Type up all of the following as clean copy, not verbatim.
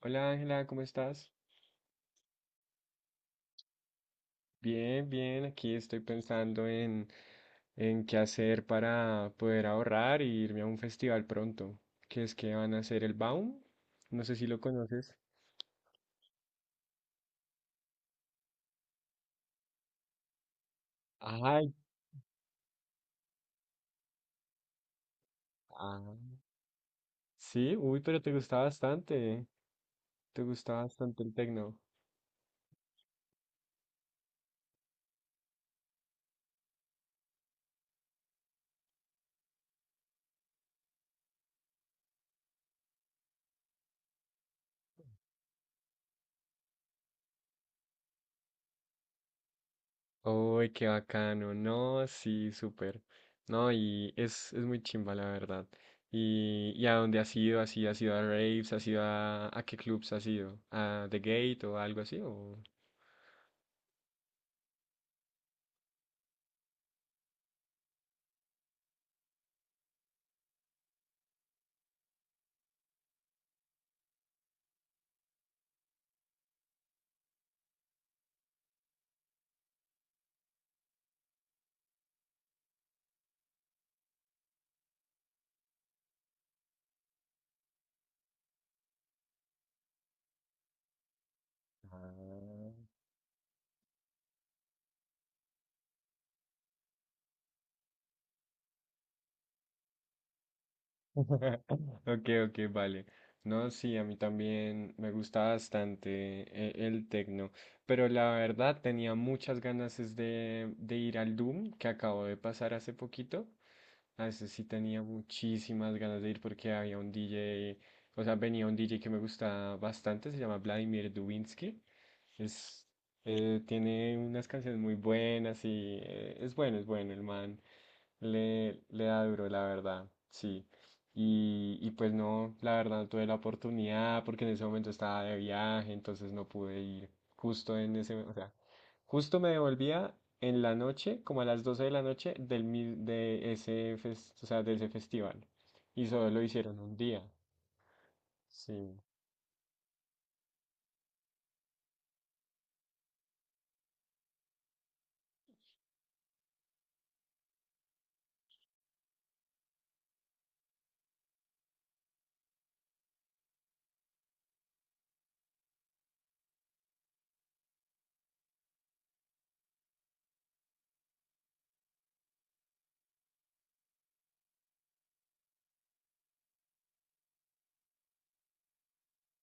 Hola Ángela, ¿cómo estás? Bien, bien, aquí estoy pensando en qué hacer para poder ahorrar y irme a un festival pronto, que es que van a hacer el Baum, no sé si lo conoces. Ay, ah. Sí, uy, pero te gusta bastante el tecno. Uy, qué bacano. No, sí, súper. No, y es muy chimba, la verdad. ¿Y a dónde has ido? ¿Así has ido a raves? ¿Has ido a qué clubs has ido? ¿A The Gate o algo así? ¿O? Ah. Ok, ok, vale. No, sí, a mí también me gusta bastante el tecno, pero la verdad tenía muchas ganas es de ir al Doom que acabo de pasar hace poquito. A ese sí tenía muchísimas ganas de ir porque había un DJ, o sea, venía un DJ que me gusta bastante, se llama Vladimir Dubinsky. Es, tiene unas canciones muy buenas y es bueno el man. Le da duro, la verdad, sí. Y pues no, la verdad no tuve la oportunidad porque en ese momento estaba de viaje, entonces no pude ir justo en ese, o sea, justo me devolvía en la noche, como a las 12 de la noche, de ese, o sea, de ese festival. Y solo lo hicieron un día, sí.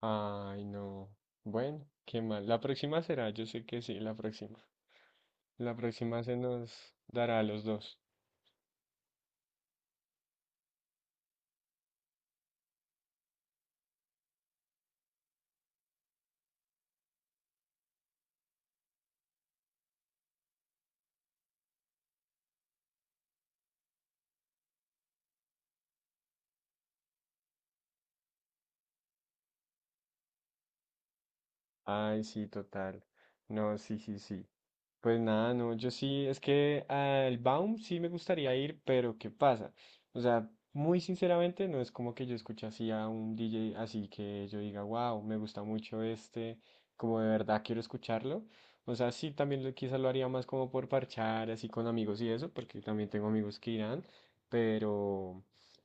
Ay, no. Bueno, qué mal. La próxima será, yo sé que sí, la próxima. La próxima se nos dará a los dos. Ay, sí, total. No, sí, sí, sí. Pues nada, no, yo sí, es que al Baum sí me gustaría ir, pero ¿qué pasa? O sea, muy sinceramente, no es como que yo escuche así a un DJ, así que yo diga, wow, me gusta mucho este, como de verdad quiero escucharlo. O sea, sí, también quizás lo haría más como por parchar, así con amigos y eso, porque también tengo amigos que irán, pero,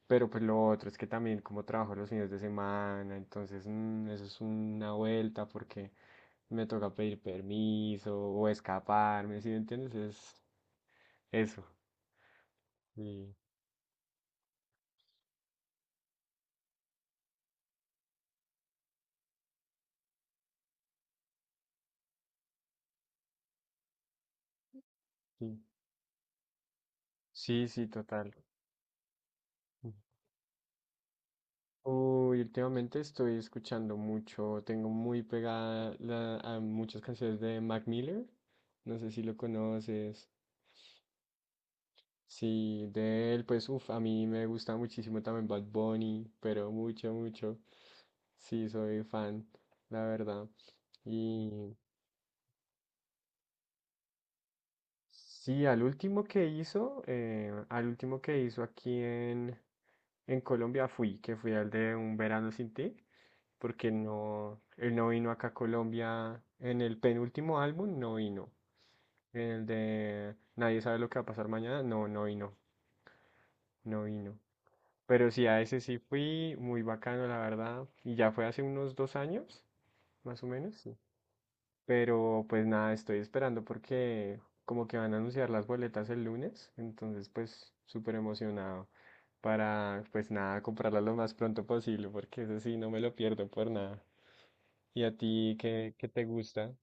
pero pues lo otro es que también como trabajo los fines de semana, entonces, eso es una vuelta, porque me toca pedir permiso o escaparme, ¿sí me entiendes? Es eso. Sí, sí, sí, sí, total. Uy, últimamente estoy escuchando mucho, tengo muy pegada a muchas canciones de Mac Miller, no sé si lo conoces. Sí, de él, pues, uff, a mí me gusta muchísimo también Bad Bunny, pero mucho, mucho. Sí, soy fan, la verdad. Y Sí, al último que hizo, al último que hizo aquí en Colombia fui, que fui al de Un Verano Sin Ti, porque no, él no vino acá a Colombia en el penúltimo álbum, no vino. En el de Nadie sabe lo que va a pasar mañana, no, no vino, no vino. Pero sí, a ese sí fui, muy bacano, la verdad, y ya fue hace unos dos años, más o menos, sí. Pero pues nada, estoy esperando porque como que van a anunciar las boletas el lunes, entonces pues súper emocionado para pues nada, comprarlas lo más pronto posible porque eso sí, no me lo pierdo por nada. ¿Y a ti qué, qué te gusta?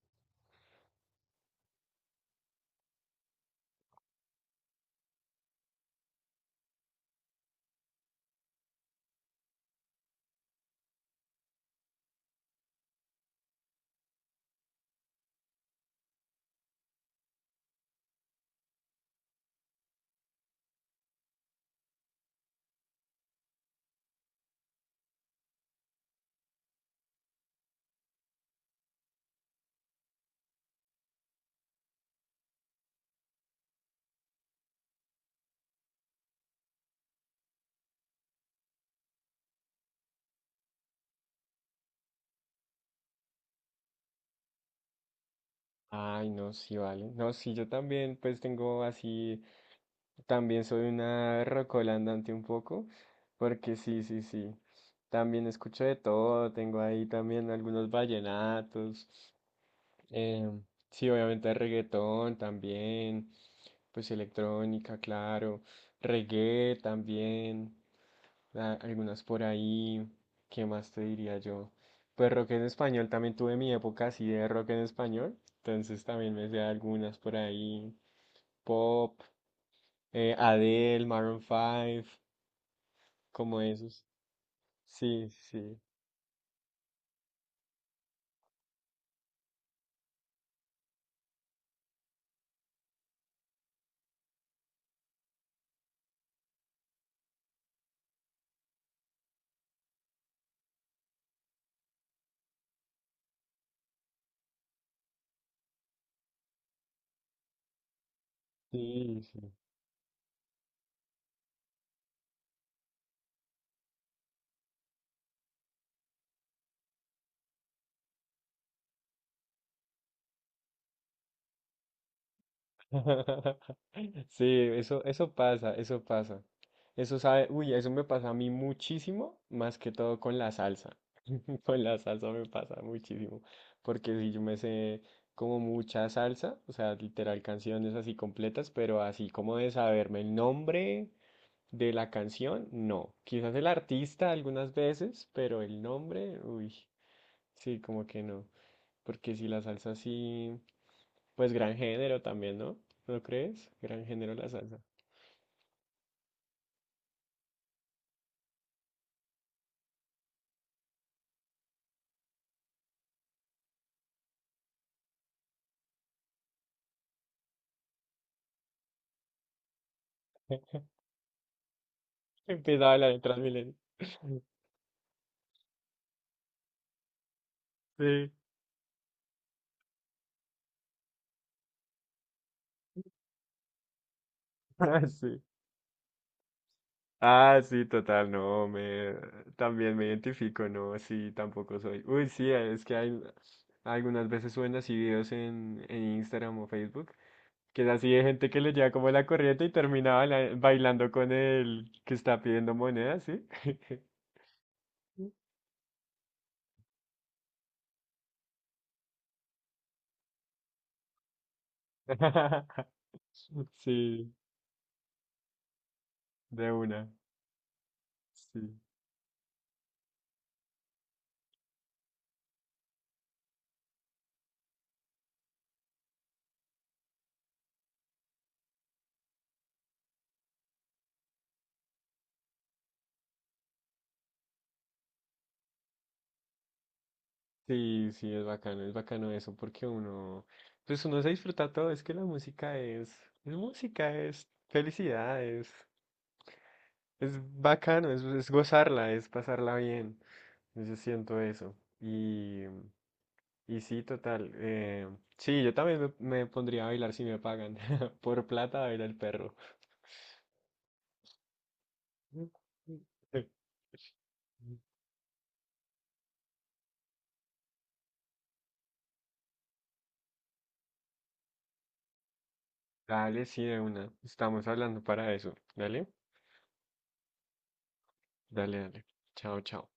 Ay, no, sí, vale. No, sí, yo también pues tengo así, también soy una rocola andante un poco, porque sí, sí, sí. También escucho de todo, tengo ahí también algunos vallenatos. Em, sí, obviamente reggaetón también, pues electrónica, claro, reggae también, algunas por ahí, ¿qué más te diría yo? Pues rock en español, también tuve mi época así de rock en español, entonces también me sé algunas por ahí, pop, Adele, Maroon 5, como esos. Sí, sí, sí, sí. Sí, eso pasa, eso pasa. Eso sabe, uy, eso me pasa a mí muchísimo, más que todo con la salsa. Con la salsa me pasa muchísimo, porque si yo me sé como mucha salsa, o sea, literal canciones así completas, pero así como de saberme el nombre de la canción, no. Quizás el artista algunas veces, pero el nombre, uy, sí, como que no. Porque si la salsa sí. Pues gran género también, ¿no? ¿No crees? Gran género la salsa. Empieza a bailar en Transmilenio. Sí. Ah, sí. Ah, sí, total, no, me también me identifico, no, sí, tampoco soy. Uy, sí, es que hay algunas veces suben así videos en Instagram o Facebook, que es así de gente que le lleva como la corriente y termina bailando con el que está pidiendo monedas, ¿sí? Sí, de una, sí. Sí, sí, es bacano eso, porque uno, pues uno se disfruta todo, es que la música es música, es felicidad, es bacano, es gozarla, es pasarla bien, yo siento eso, y sí, total, sí, yo también me pondría a bailar si me pagan, por plata baila el perro. Dale, sí, de una, estamos hablando para eso, dale, dale, dale, chao, chao.